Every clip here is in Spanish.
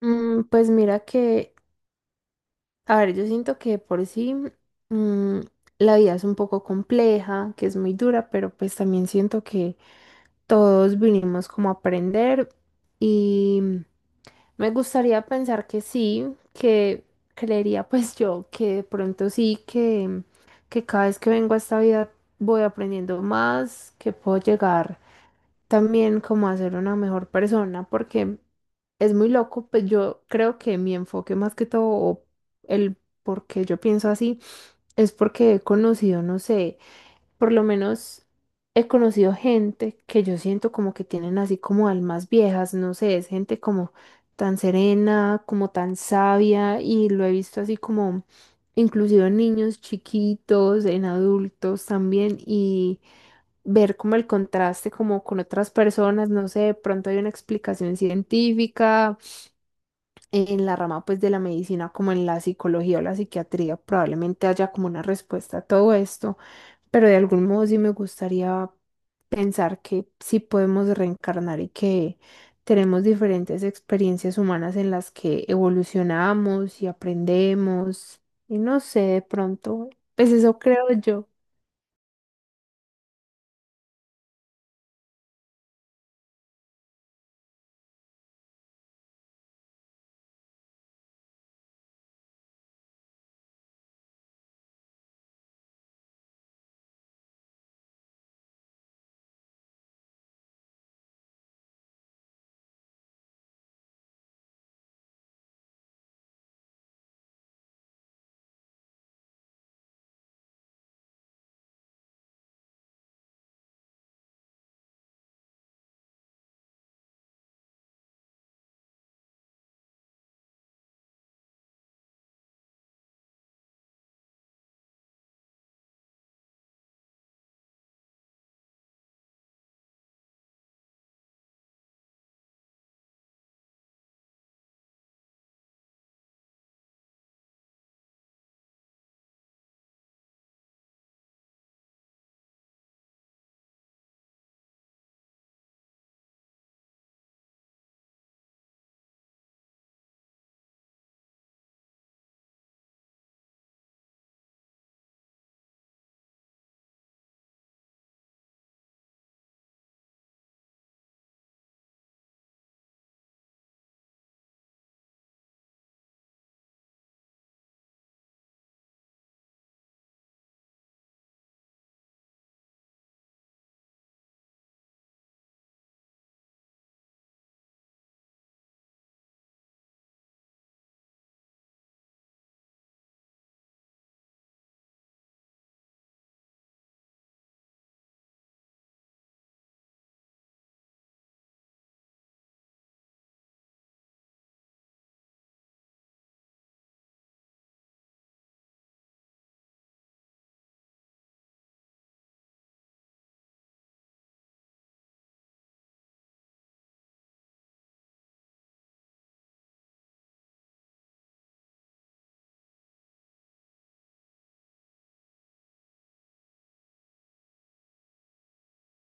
Pues mira que, a ver, yo siento que por sí mm, la vida es un poco compleja, que es muy dura, pero pues también siento que todos vinimos como a aprender y me gustaría pensar que sí, que creería pues yo que de pronto sí, que cada vez que vengo a esta vida voy aprendiendo más, que puedo llegar también como a ser una mejor persona, porque es muy loco, pues yo creo que mi enfoque más que todo, o el por qué yo pienso así, es porque he conocido, no sé, por lo menos he conocido gente que yo siento como que tienen así como almas viejas, no sé, es gente como tan serena, como tan sabia y lo he visto así como inclusive en niños chiquitos, en adultos también y ver como el contraste como con otras personas, no sé, de pronto hay una explicación científica, en la rama pues de la medicina como en la psicología o la psiquiatría probablemente haya como una respuesta a todo esto, pero de algún modo sí me gustaría pensar que sí podemos reencarnar y que tenemos diferentes experiencias humanas en las que evolucionamos y aprendemos y no sé, de pronto, pues eso creo yo.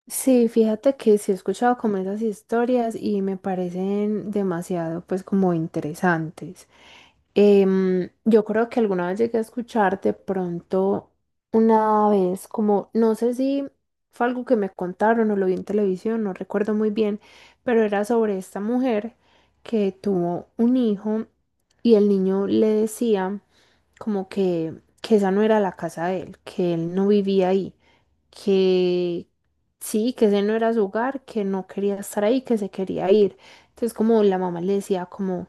Sí, fíjate que sí he escuchado como esas historias y me parecen demasiado pues como interesantes. Yo creo que alguna vez llegué a escuchar de pronto una vez como, no sé si fue algo que me contaron o lo vi en televisión, no recuerdo muy bien, pero era sobre esta mujer que tuvo un hijo y el niño le decía como que esa no era la casa de él, que él no vivía ahí, que, sí, que ese no era su hogar, que no quería estar ahí, que se quería ir. Entonces como la mamá le decía como,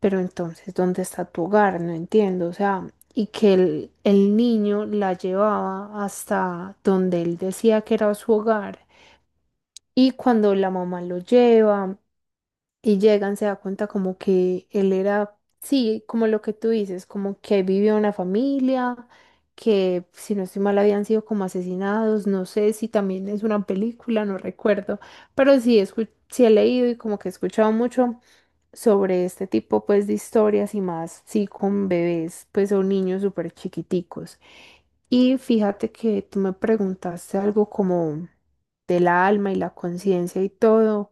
pero entonces, ¿dónde está tu hogar? No entiendo, o sea, y que el niño la llevaba hasta donde él decía que era su hogar. Y cuando la mamá lo lleva, y llegan, se da cuenta como que él era, sí, como lo que tú dices, como que vivió una familia, que si no estoy mal habían sido como asesinados, no sé si también es una película, no recuerdo, pero sí, sí he leído y como que he escuchado mucho sobre este tipo pues de historias y más, sí, con bebés, pues o niños súper chiquiticos. Y fíjate que tú me preguntaste algo como de la alma y la conciencia y todo,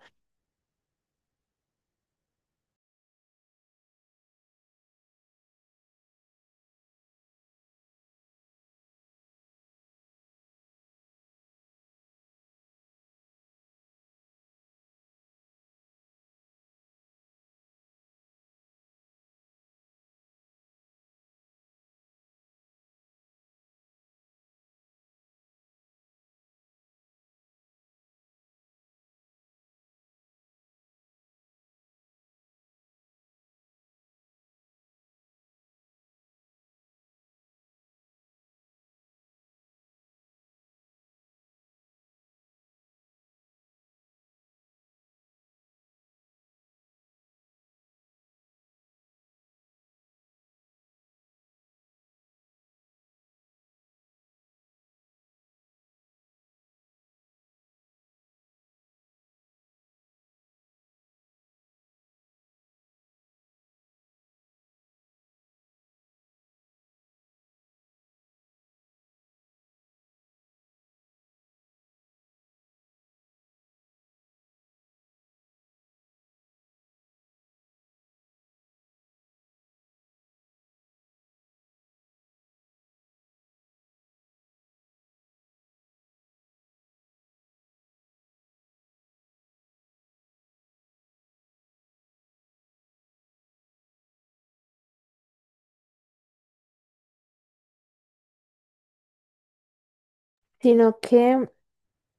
sino que...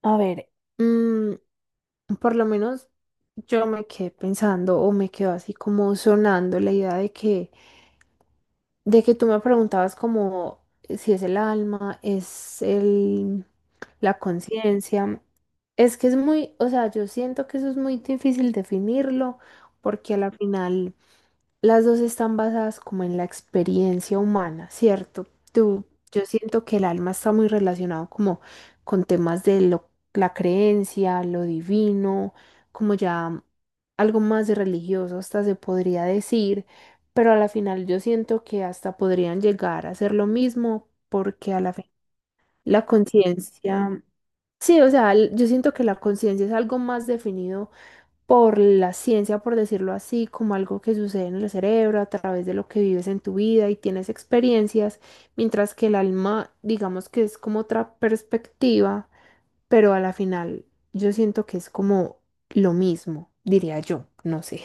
A ver, mm, por lo menos yo me quedé pensando o me quedó así como sonando la idea de que tú me preguntabas como si es el alma, es el, la conciencia. Es que es muy, o sea, yo siento que eso es muy difícil definirlo porque a la final las dos están basadas como en la experiencia humana, ¿cierto? Tú, yo siento que el alma está muy relacionado como con temas de lo la creencia, lo divino, como ya algo más religioso hasta se podría decir, pero a la final yo siento que hasta podrían llegar a ser lo mismo porque a la fin la conciencia, sí, o sea, yo siento que la conciencia es algo más definido por la ciencia, por decirlo así, como algo que sucede en el cerebro a través de lo que vives en tu vida y tienes experiencias, mientras que el alma, digamos que es como otra perspectiva pero a la final yo siento que es como lo mismo, diría yo, no sé.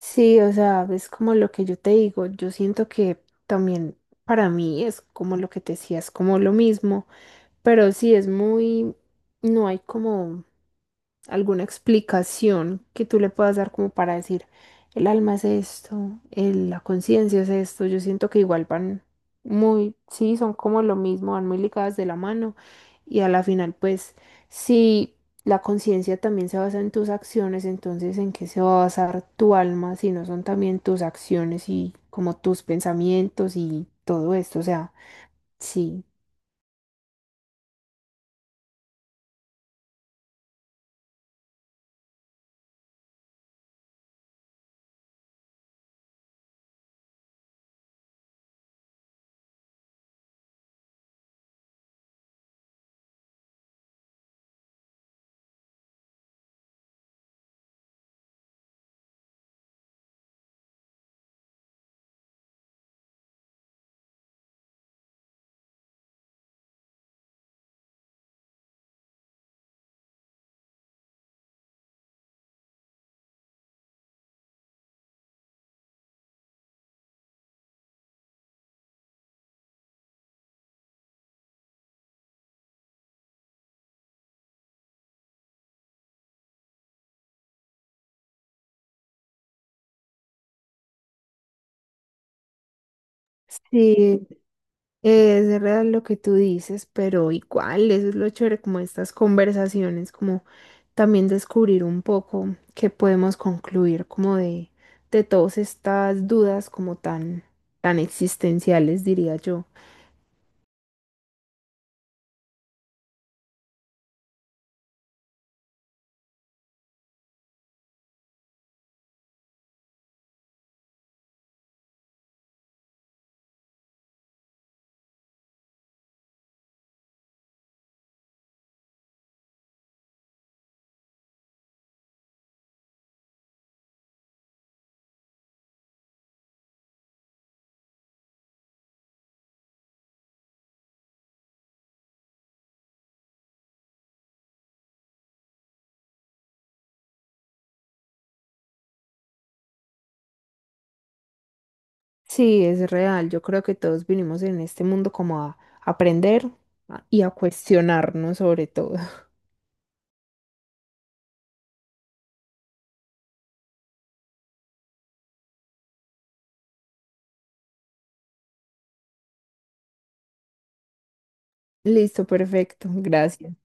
Sí, o sea, es como lo que yo te digo, yo siento que también para mí es como lo que te decía, es como lo mismo, pero sí es muy, no hay como... alguna explicación que tú le puedas dar como para decir, el alma es esto, la conciencia es esto, yo siento que igual van muy, sí, son como lo mismo, van muy ligadas de la mano y a la final pues si la conciencia también se basa en tus acciones, entonces ¿en qué se va a basar tu alma si no son también tus acciones y como tus pensamientos y todo esto? O sea, sí. Sí, es real lo que tú dices, pero igual, eso es lo chévere como estas conversaciones, como también descubrir un poco qué podemos concluir como de todas estas dudas como tan, tan existenciales, diría yo. Sí, es real, yo creo que todos vinimos en este mundo como a aprender y a cuestionarnos sobre todo. Listo, perfecto, gracias.